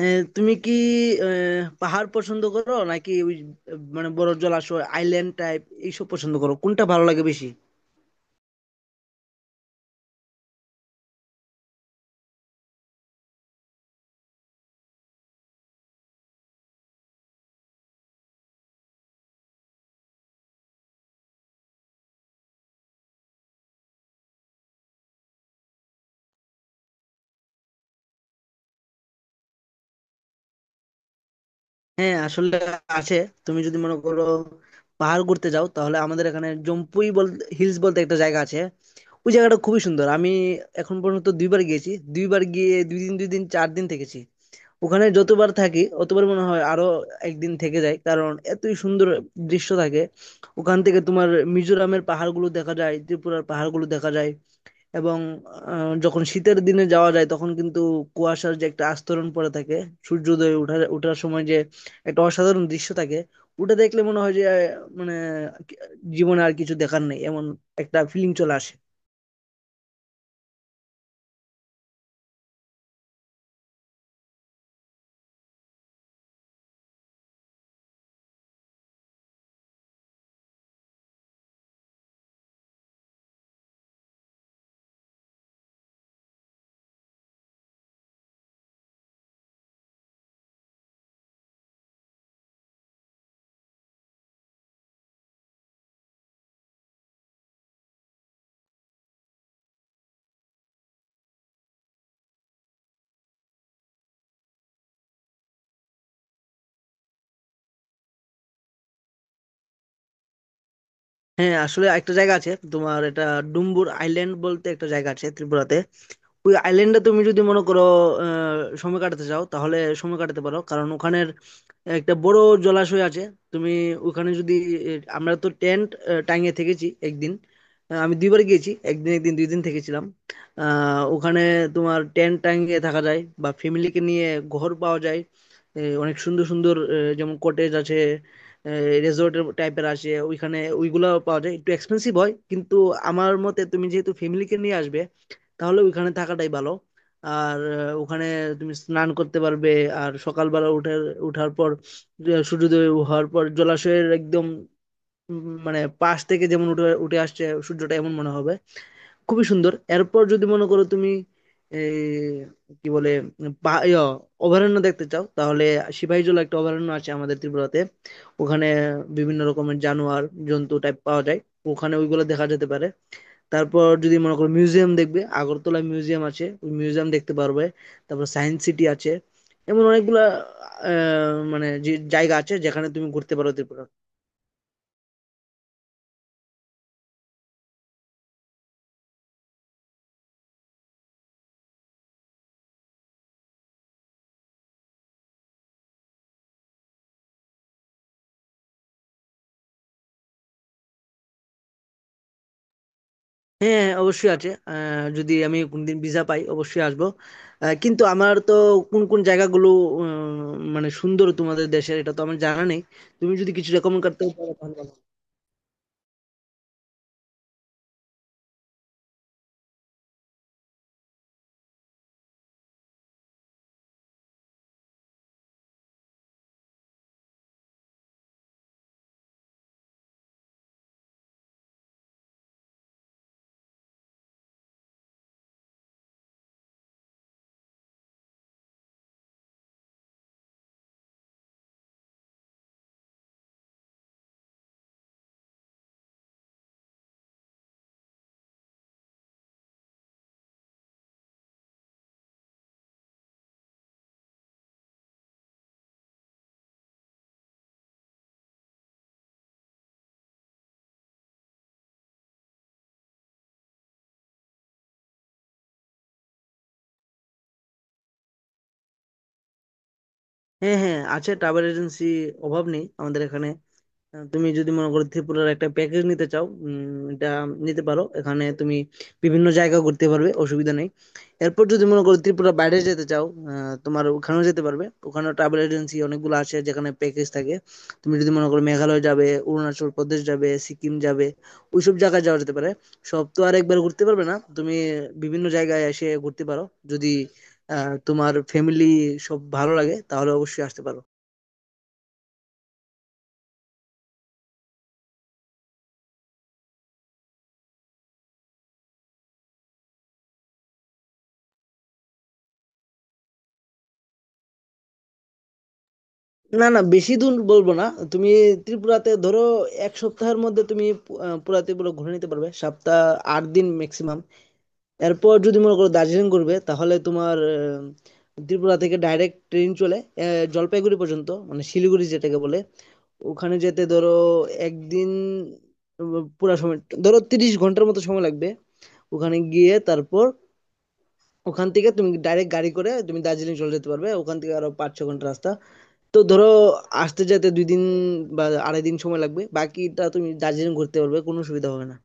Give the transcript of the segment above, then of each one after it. এ, তুমি কি এ, পাহাড় পছন্দ করো, নাকি ওই মানে বড় জলাশয়, আইল্যান্ড টাইপ এইসব পছন্দ করো? কোনটা ভালো লাগে বেশি? হ্যাঁ, আসলে আছে। তুমি যদি মনে করো পাহাড় ঘুরতে যাও, তাহলে আমাদের এখানে জম্পুই বলতে, হিলস বলতে একটা জায়গা আছে। ওই জায়গাটা খুবই সুন্দর। আমি এখন পর্যন্ত দুইবার গিয়েছি। দুইবার গিয়ে দুই দিন দুই দিন চার দিন থেকেছি। ওখানে যতবার থাকি অতবার মনে হয় আরো একদিন থেকে যাই, কারণ এতই সুন্দর দৃশ্য থাকে। ওখান থেকে তোমার মিজোরামের পাহাড়গুলো দেখা যায়, ত্রিপুরার পাহাড়গুলো দেখা যায়। এবং যখন শীতের দিনে যাওয়া যায় তখন কিন্তু কুয়াশার যে একটা আস্তরণ পড়ে থাকে, সূর্যোদয় ওঠার ওঠার সময় যে একটা অসাধারণ দৃশ্য থাকে। ওটা দেখলে মনে হয় যে মানে জীবনে আর কিছু দেখার নেই, এমন একটা ফিলিং চলে আসে। হ্যাঁ, আসলে একটা জায়গা আছে তোমার। এটা ডুম্বুর আইল্যান্ড বলতে একটা জায়গা আছে ত্রিপুরাতে। ওই আইল্যান্ডে তুমি যদি মনে করো সময় কাটাতে চাও, তাহলে সময় কাটাতে পারো, কারণ ওখানের একটা বড় জলাশয় আছে। তুমি ওখানে যদি, আমরা তো টেন্ট টাঙিয়ে থেকেছি একদিন। আমি দুইবার গিয়েছি, একদিন একদিন দুই দিন থেকেছিলাম। আহ, ওখানে তোমার টেন্ট টাঙিয়ে থাকা যায় বা ফ্যামিলিকে নিয়ে ঘর পাওয়া যায়। এই অনেক সুন্দর সুন্দর যেমন কটেজ আছে, রেজর্ট টাইপের আসে ওইখানে, ওইগুলো পাওয়া যায়, একটু এক্সপেন্সিভ হয় কিন্তু। আমার মতে তুমি যেহেতু ফ্যামিলিকে নিয়ে আসবে, তাহলে ওইখানে থাকাটাই ভালো। আর ওখানে তুমি স্নান করতে পারবে। আর সকালবেলা উঠে উঠার পর সূর্যোদয় হওয়ার পর জলাশয়ের একদম মানে পাশ থেকে যেমন উঠে উঠে আসছে সূর্যটা, এমন মনে হবে, খুবই সুন্দর। এরপর যদি মনে করো তুমি এই কি বলে পা- ইয়া, অভয়ারণ্য দেখতে চাও, তাহলে সিপাহীজলা একটা অভয়ারণ্য আছে আমাদের ত্রিপুরাতে। ওখানে বিভিন্ন রকমের জানোয়ার জন্তু টাইপ পাওয়া যায়। ওখানে ওইগুলো দেখা যেতে পারে। তারপর যদি মনে করো মিউজিয়াম দেখবে, আগরতলা মিউজিয়াম আছে, ওই মিউজিয়াম দেখতে পারবে। তারপর সায়েন্স সিটি আছে। এমন অনেকগুলা মানে যে জায়গা আছে যেখানে তুমি ঘুরতে পারো ত্রিপুরা। হ্যাঁ, অবশ্যই আছে। যদি আমি কোনদিন ভিসা পাই, অবশ্যই আসবো। কিন্তু আমার তো কোন কোন জায়গাগুলো উম, মানে সুন্দর তোমাদের দেশের এটা তো আমার জানা নেই। তুমি যদি কিছু রেকমেন্ড করতে পারো তাহলে ভালো। হ্যাঁ, হ্যাঁ, আছে ট্রাভেল এজেন্সি, অভাব নেই আমাদের এখানে। তুমি যদি মনে করো ত্রিপুরার একটা প্যাকেজ নিতে চাও, এটা নিতে পারো। এখানে তুমি বিভিন্ন জায়গা ঘুরতে পারবে, অসুবিধা নেই। এরপর যদি মনে করো ত্রিপুরা বাইরে যেতে চাও, তোমার ওখানেও যেতে পারবে। ওখানেও ট্রাভেল এজেন্সি অনেকগুলো আছে, যেখানে প্যাকেজ থাকে। তুমি যদি মনে করো মেঘালয় যাবে, অরুণাচল প্রদেশ যাবে, সিকিম যাবে, ওইসব জায়গায় যাওয়া যেতে পারে। সব তো আর একবার ঘুরতে পারবে না। তুমি বিভিন্ন জায়গায় এসে ঘুরতে পারো। যদি তোমার ফ্যামিলি সব ভালো লাগে, তাহলে অবশ্যই আসতে পারো। না, না, বেশি দূর বলবো না। তুমি ত্রিপুরাতে ধরো এক সপ্তাহের মধ্যে তুমি পুরা ত্রিপুরা ঘুরে নিতে পারবে। সপ্তাহ, ৮ দিন ম্যাক্সিমাম। এরপর যদি মনে করো দার্জিলিং ঘুরবে, তাহলে তোমার ত্রিপুরা থেকে ডাইরেক্ট ট্রেন চলে জলপাইগুড়ি পর্যন্ত, মানে শিলিগুড়ি যেটাকে বলে। ওখানে যেতে ধরো একদিন, পুরা সময় ধরো ৩০ ঘন্টার মতো সময় লাগবে। ওখানে গিয়ে তারপর ওখান থেকে তুমি ডাইরেক্ট গাড়ি করে তুমি দার্জিলিং চলে যেতে পারবে। ওখান থেকে আরো পাঁচ ছ ঘন্টা রাস্তা। তো ধরো আসতে যেতে ২ দিন বা ২.৫ দিন সময় লাগবে। বাকিটা তুমি দার্জিলিং ঘুরতে পারবে। কোনো অসুবিধা হবে না।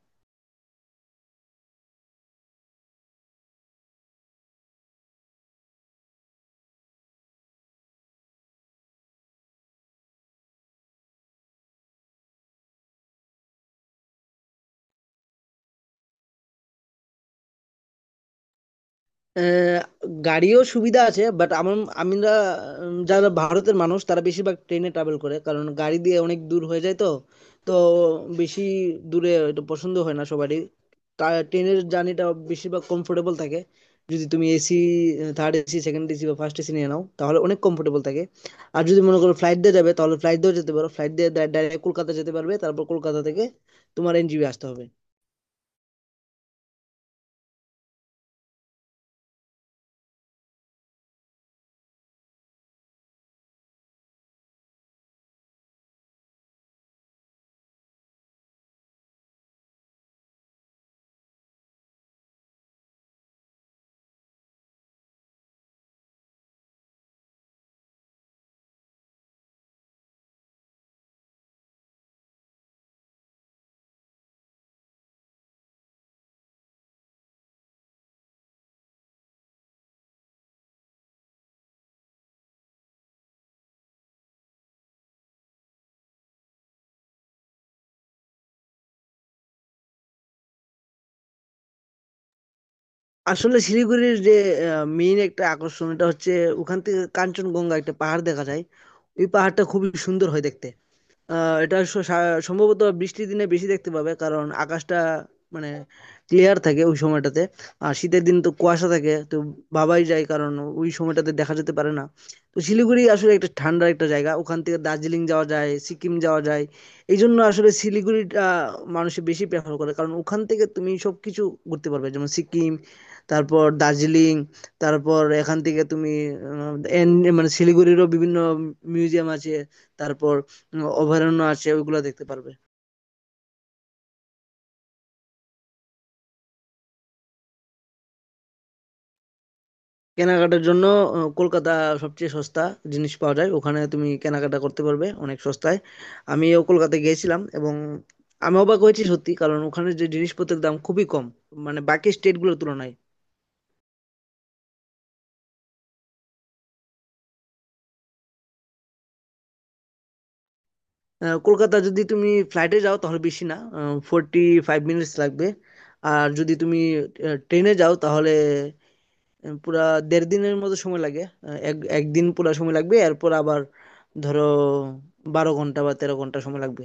আহ, গাড়িও সুবিধা আছে, বাট আমার, আমরা যারা ভারতের মানুষ তারা বেশিরভাগ ট্রেনে ট্রাভেল করে, কারণ গাড়ি দিয়ে অনেক দূর হয়ে যায়। তো তো বেশি দূরে এটা পছন্দ হয় না সবারই। ট্রেনের জার্নিটা বেশিরভাগ কমফোর্টেবল থাকে। যদি তুমি AC, third AC, second AC বা ফার্স্ট এসি নিয়ে নাও, তাহলে অনেক কমফোর্টেবল থাকে। আর যদি মনে করো ফ্লাইট দিয়ে যাবে, তাহলে ফ্লাইট দিয়েও যেতে পারো। ফ্লাইট দিয়ে ডাইরেক্ট কলকাতা যেতে পারবে, তারপর কলকাতা থেকে তোমার NJB আসতে হবে। আসলে শিলিগুড়ির যে মেইন একটা আকর্ষণ এটা হচ্ছে ওখান থেকে কাঞ্চনজঙ্ঘা একটা পাহাড় দেখা যায়। ওই পাহাড়টা খুবই সুন্দর হয় দেখতে। এটা সম্ভবত বৃষ্টির দিনে বেশি দেখতে পাবে, কারণ আকাশটা মানে ক্লিয়ার থাকে ওই সময়টাতে। আর শীতের দিন তো কুয়াশা থাকে তো ভাবাই যায়, কারণ ওই সময়টাতে দেখা যেতে পারে না। তো শিলিগুড়ি আসলে একটা ঠান্ডা একটা জায়গা। ওখান থেকে দার্জিলিং যাওয়া যায়, সিকিম যাওয়া যায়। এই জন্য আসলে শিলিগুড়িটা মানুষ বেশি প্রেফার করে, কারণ ওখান থেকে তুমি সবকিছু ঘুরতে পারবে, যেমন সিকিম, তারপর দার্জিলিং। তারপর এখান থেকে তুমি মানে শিলিগুড়িরও বিভিন্ন মিউজিয়াম আছে, তারপর অভয়ারণ্য আছে, ওইগুলো দেখতে পারবে। কেনাকাটার জন্য কলকাতা সবচেয়ে সস্তা জিনিস পাওয়া যায়। ওখানে তুমি কেনাকাটা করতে পারবে অনেক সস্তায়। আমিও কলকাতা গিয়েছিলাম এবং আমি অবাক হয়েছি সত্যি, কারণ ওখানে যে জিনিসপত্রের দাম খুবই কম, মানে বাকি স্টেটগুলোর তুলনায়। কলকাতা যদি তুমি ফ্লাইটে যাও, তাহলে বেশি না, 45 minutes লাগবে। আর যদি তুমি ট্রেনে যাও, তাহলে পুরা দেড় দিনের মতো সময় লাগে। এক একদিন পুরা সময় লাগবে, এরপর আবার ধরো ১২ ঘন্টা বা ১৩ ঘন্টা সময় লাগবে।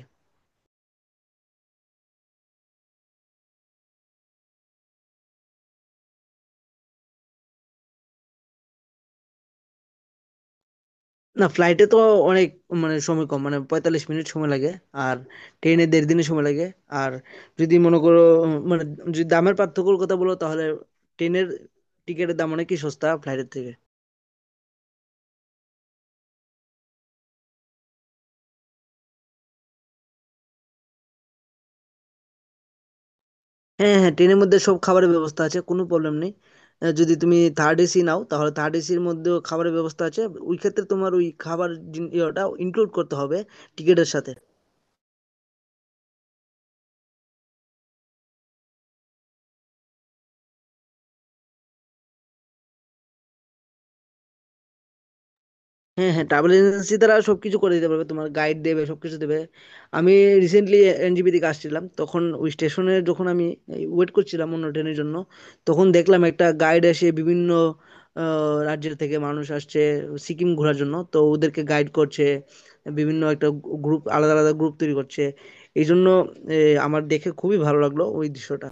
না, ফ্লাইটে তো অনেক মানে সময় কম, মানে ৪৫ মিনিট সময় লাগে। আর ট্রেনে দেড় দিনে সময় লাগে। আর যদি মনে করো মানে যদি দামের পার্থক্যর কথা বলো, তাহলে ট্রেনের টিকিটের দাম অনেকই সস্তা ফ্লাইটের থেকে। হ্যাঁ, হ্যাঁ, ট্রেনের মধ্যে সব খাবারের ব্যবস্থা আছে, কোনো প্রবলেম নেই। যদি তুমি থার্ড এসি নাও, তাহলে থার্ড এসির মধ্যেও খাবারের ব্যবস্থা আছে। ওই ক্ষেত্রে তোমার ওই খাবার ইয়েটা ইনক্লুড করতে হবে টিকিটের সাথে। হ্যাঁ, হ্যাঁ, ট্রাভেল এজেন্সি তারা সবকিছু করে দিতে পারবে, তোমার গাইড দেবে, সবকিছু দেবে। আমি রিসেন্টলি NJP থেকে আসছিলাম, তখন ওই স্টেশনে যখন আমি ওয়েট করছিলাম অন্য ট্রেনের জন্য, তখন দেখলাম একটা গাইড এসে বিভিন্ন রাজ্যের থেকে মানুষ আসছে সিকিম ঘোরার জন্য, তো ওদেরকে গাইড করছে। বিভিন্ন একটা গ্রুপ আলাদা আলাদা গ্রুপ তৈরি করছে। এই জন্য এ, আমার দেখে খুবই ভালো লাগলো ওই দৃশ্যটা।